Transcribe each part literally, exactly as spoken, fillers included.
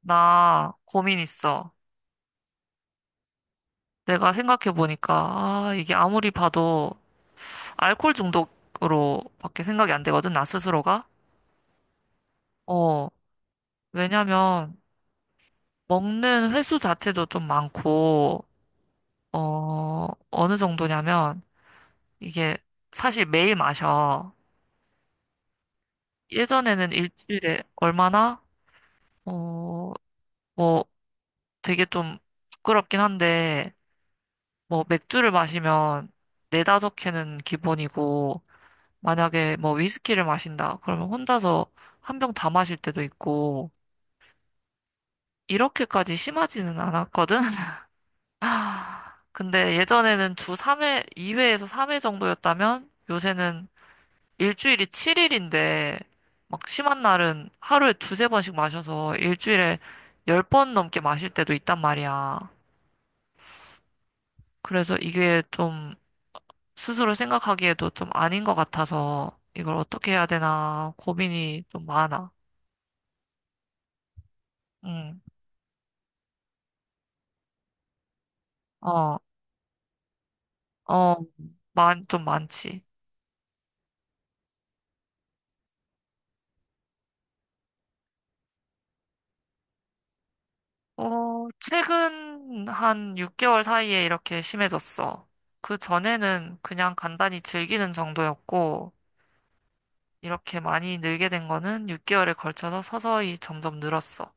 나 고민 있어. 내가 생각해보니까, 아, 이게 아무리 봐도 알코올 중독으로밖에 생각이 안 되거든, 나 스스로가. 어, 왜냐면, 먹는 횟수 자체도 좀 많고, 어, 어느 정도냐면, 이게 사실 매일 마셔. 예전에는 일주일에 얼마나, 어, 뭐 되게 좀 부끄럽긴 한데, 뭐 맥주를 마시면 네다섯 캔은 기본이고, 만약에 뭐 위스키를 마신다. 그러면 혼자서 한 병 다 마실 때도 있고, 이렇게까지 심하지는 않았거든? 아, 근데 예전에는 주 삼 회, 이 회에서 삼 회 정도였다면, 요새는 일주일이 칠 일인데, 막 심한 날은 하루에 두세 번씩 마셔서 일주일에 열 번 넘게 마실 때도 있단 말이야. 그래서 이게 좀 스스로 생각하기에도 좀 아닌 것 같아서 이걸 어떻게 해야 되나 고민이 좀 많아. 응. 어, 어, 많, 좀 많지. 어, 최근 한 육 개월 사이에 이렇게 심해졌어. 그 전에는 그냥 간단히 즐기는 정도였고, 이렇게 많이 늘게 된 거는 육 개월에 걸쳐서 서서히 점점 늘었어.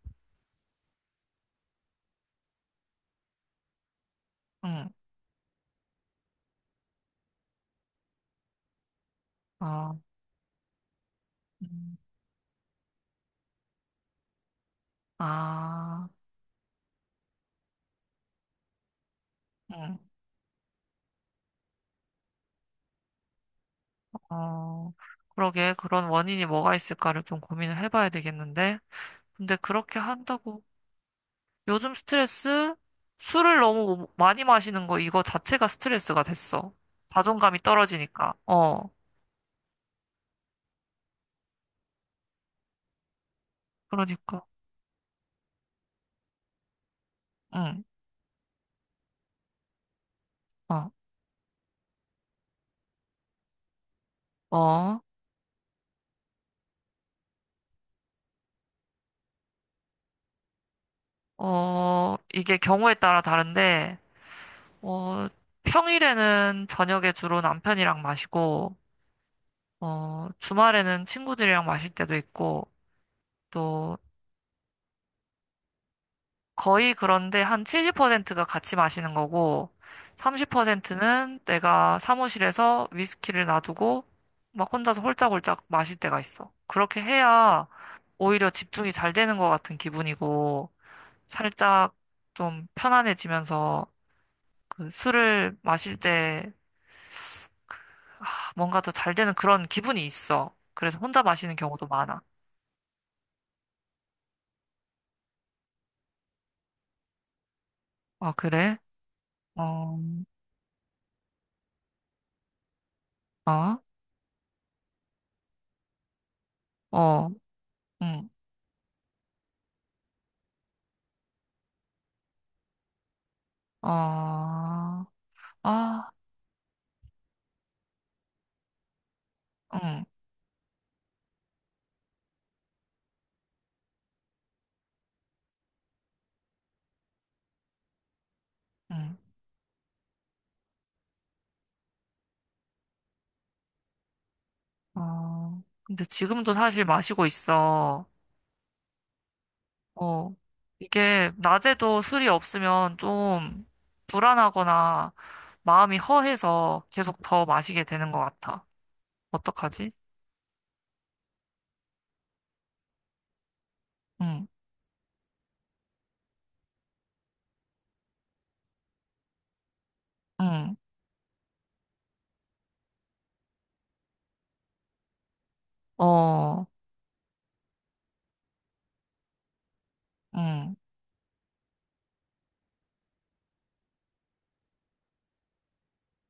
응. 어. 음. 아. 응. 어. 그러게, 그런 원인이 뭐가 있을까를 좀 고민을 해봐야 되겠는데. 근데 그렇게 한다고. 요즘 스트레스? 술을 너무 뭐 많이 마시는 거 이거 자체가 스트레스가 됐어. 자존감이 떨어지니까. 어. 그러니까. 응. 어. 어. 어. 이게 경우에 따라 다른데, 어, 평일에는 저녁에 주로 남편이랑 마시고, 어, 주말에는 친구들이랑 마실 때도 있고, 또 거의 그런데 한 칠십 퍼센트가 같이 마시는 거고, 삼십 퍼센트는 내가 사무실에서 위스키를 놔두고, 막 혼자서 홀짝홀짝 마실 때가 있어. 그렇게 해야 오히려 집중이 잘 되는 것 같은 기분이고, 살짝 좀 편안해지면서 그 술을 마실 때 아, 뭔가 더 잘 되는 그런 기분이 있어. 그래서 혼자 마시는 경우도 많아. 아, 그래? 어. 어. 어. 응. 어. 아. 응. 응. 아, 근데 지금도 사실 마시고 있어. 어, 이게 낮에도 술이 없으면 좀 불안하거나 마음이 허해서 계속 더 마시게 되는 것 같아. 어떡하지? 응. 응. 어. 응.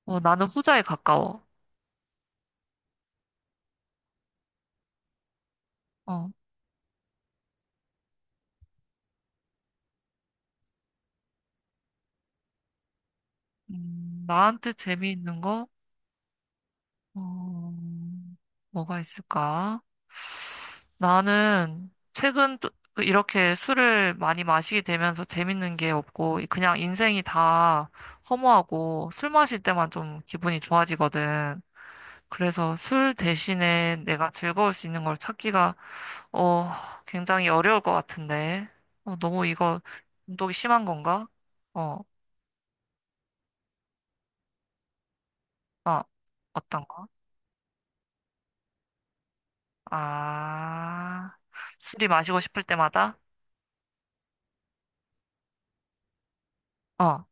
어, 나는 후자에 가까워. 어, 음, 나한테 재미있는 거? 어, 뭐가 있을까? 나는 최근 또- 그 이렇게 술을 많이 마시게 되면서 재밌는 게 없고 그냥 인생이 다 허무하고 술 마실 때만 좀 기분이 좋아지거든. 그래서 술 대신에 내가 즐거울 수 있는 걸 찾기가 어 굉장히 어려울 것 같은데. 어, 너무 이거 운동이 심한 건가? 어, 아, 어떤 거? 아, 술이 마시고 싶을 때마다? 어.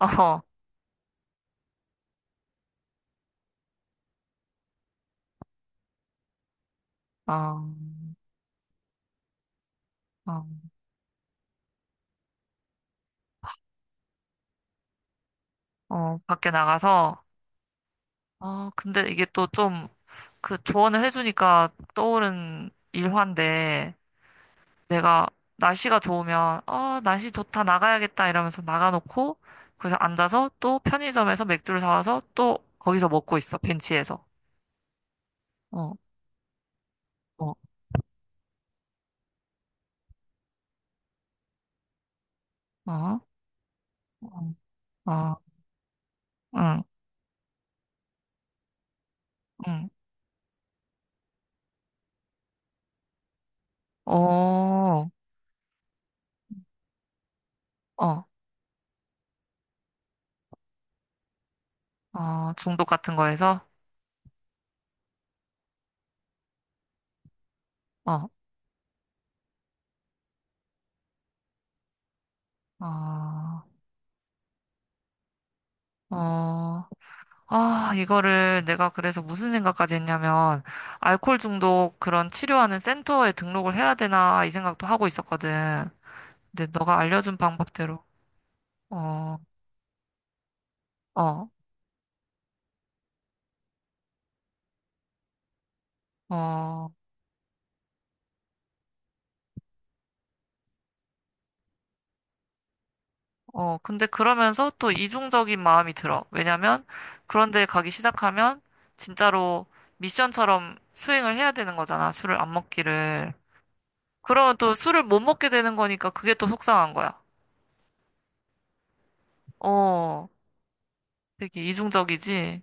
어. 어. 어. 어, 밖에 나가서. 아, 근데 이게 또 좀 그 조언을 해주니까 떠오른 일화인데 내가 날씨가 좋으면 어, 날씨 좋다 나가야겠다 이러면서 나가놓고 그래서 앉아서 또 편의점에서 맥주를 사와서 또 거기서 먹고 있어 벤치에서. 어. 어. 어. 어. 어. 응. 응. 어. 어. 어. 중독 같은 거에서. 어. 어. 어. 아, 이거를 내가 그래서 무슨 생각까지 했냐면, 알코올 중독 그런 치료하는 센터에 등록을 해야 되나, 이 생각도 하고 있었거든. 근데 너가 알려준 방법대로. 어. 어. 어. 어. 근데 그러면서 또 이중적인 마음이 들어. 왜냐면, 그런데 가기 시작하면, 진짜로 미션처럼 수행을 해야 되는 거잖아. 술을 안 먹기를. 그러면 또 술을 못 먹게 되는 거니까 그게 또 속상한 거야. 어, 되게 이중적이지?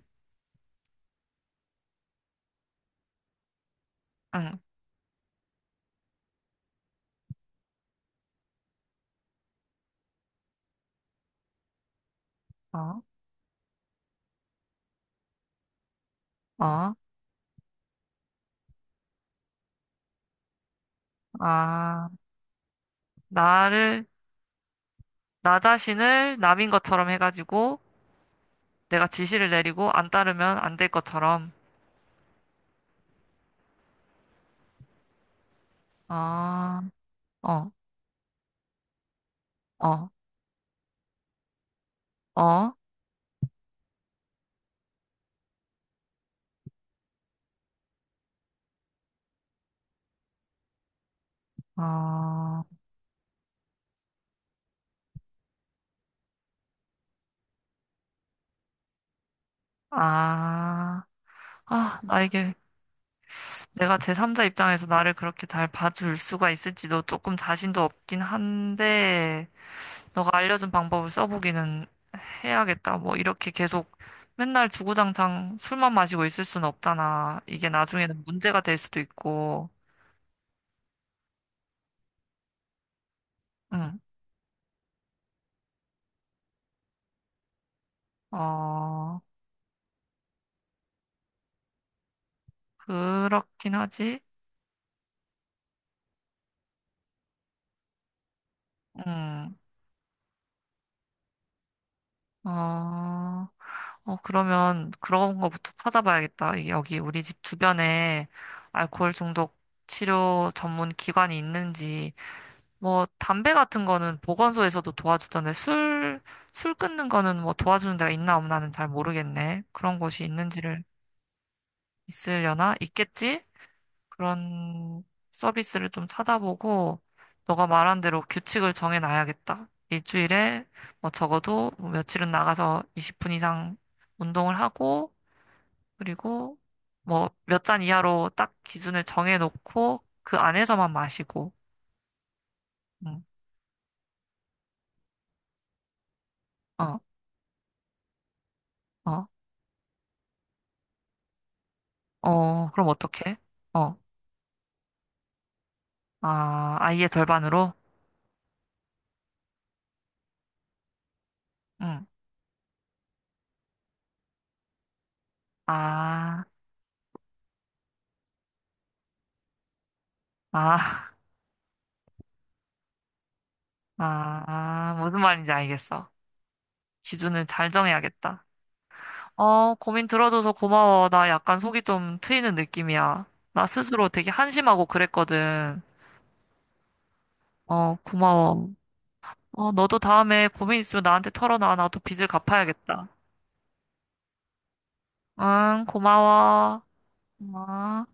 응. 어. 어. 아, 나를, 나 자신을 남인 것처럼 해가지고 내가 지시를 내리고 안 따르면 안 될 것처럼. 아. 어. 어. 어. 어. 아. 아. 나에게 내가 제삼자 입장에서 나를 그렇게 잘 봐줄 수가 있을지도 조금 자신도 없긴 한데, 너가 알려준 방법을 써보기는 해야겠다. 뭐, 이렇게 계속 맨날 주구장창 술만 마시고 있을 수는 없잖아. 이게 나중에는 문제가 될 수도 있고. 응. 어, 그렇긴 하지. 음. 어. 어. 그러면 그런 거부터 찾아봐야겠다. 이- 여기 우리 집 주변에 알코올 중독 치료 전문 기관이 있는지, 뭐, 담배 같은 거는 보건소에서도 도와주던데, 술, 술 끊는 거는 뭐 도와주는 데가 있나 없나는 잘 모르겠네. 그런 곳이 있는지를. 있으려나? 있겠지? 그런 서비스를 좀 찾아보고, 너가 말한 대로 규칙을 정해놔야겠다. 일주일에 뭐 적어도 뭐 며칠은 나가서 이십 분 이상 운동을 하고, 그리고 뭐 몇 잔 이하로 딱 기준을 정해놓고, 그 안에서만 마시고. 응. 어. 어. 어. 그럼 어떡해? 어, 아, 아이의 절반으로? 응. 아. 아. 아, 무슨 말인지 알겠어. 기준을 잘 정해야겠다. 어, 고민 들어줘서 고마워. 나 약간 속이 좀 트이는 느낌이야. 나 스스로 되게 한심하고 그랬거든. 어, 고마워. 어, 너도 다음에 고민 있으면 나한테 털어놔. 나도 빚을 갚아야겠다. 응, 고마워. 어.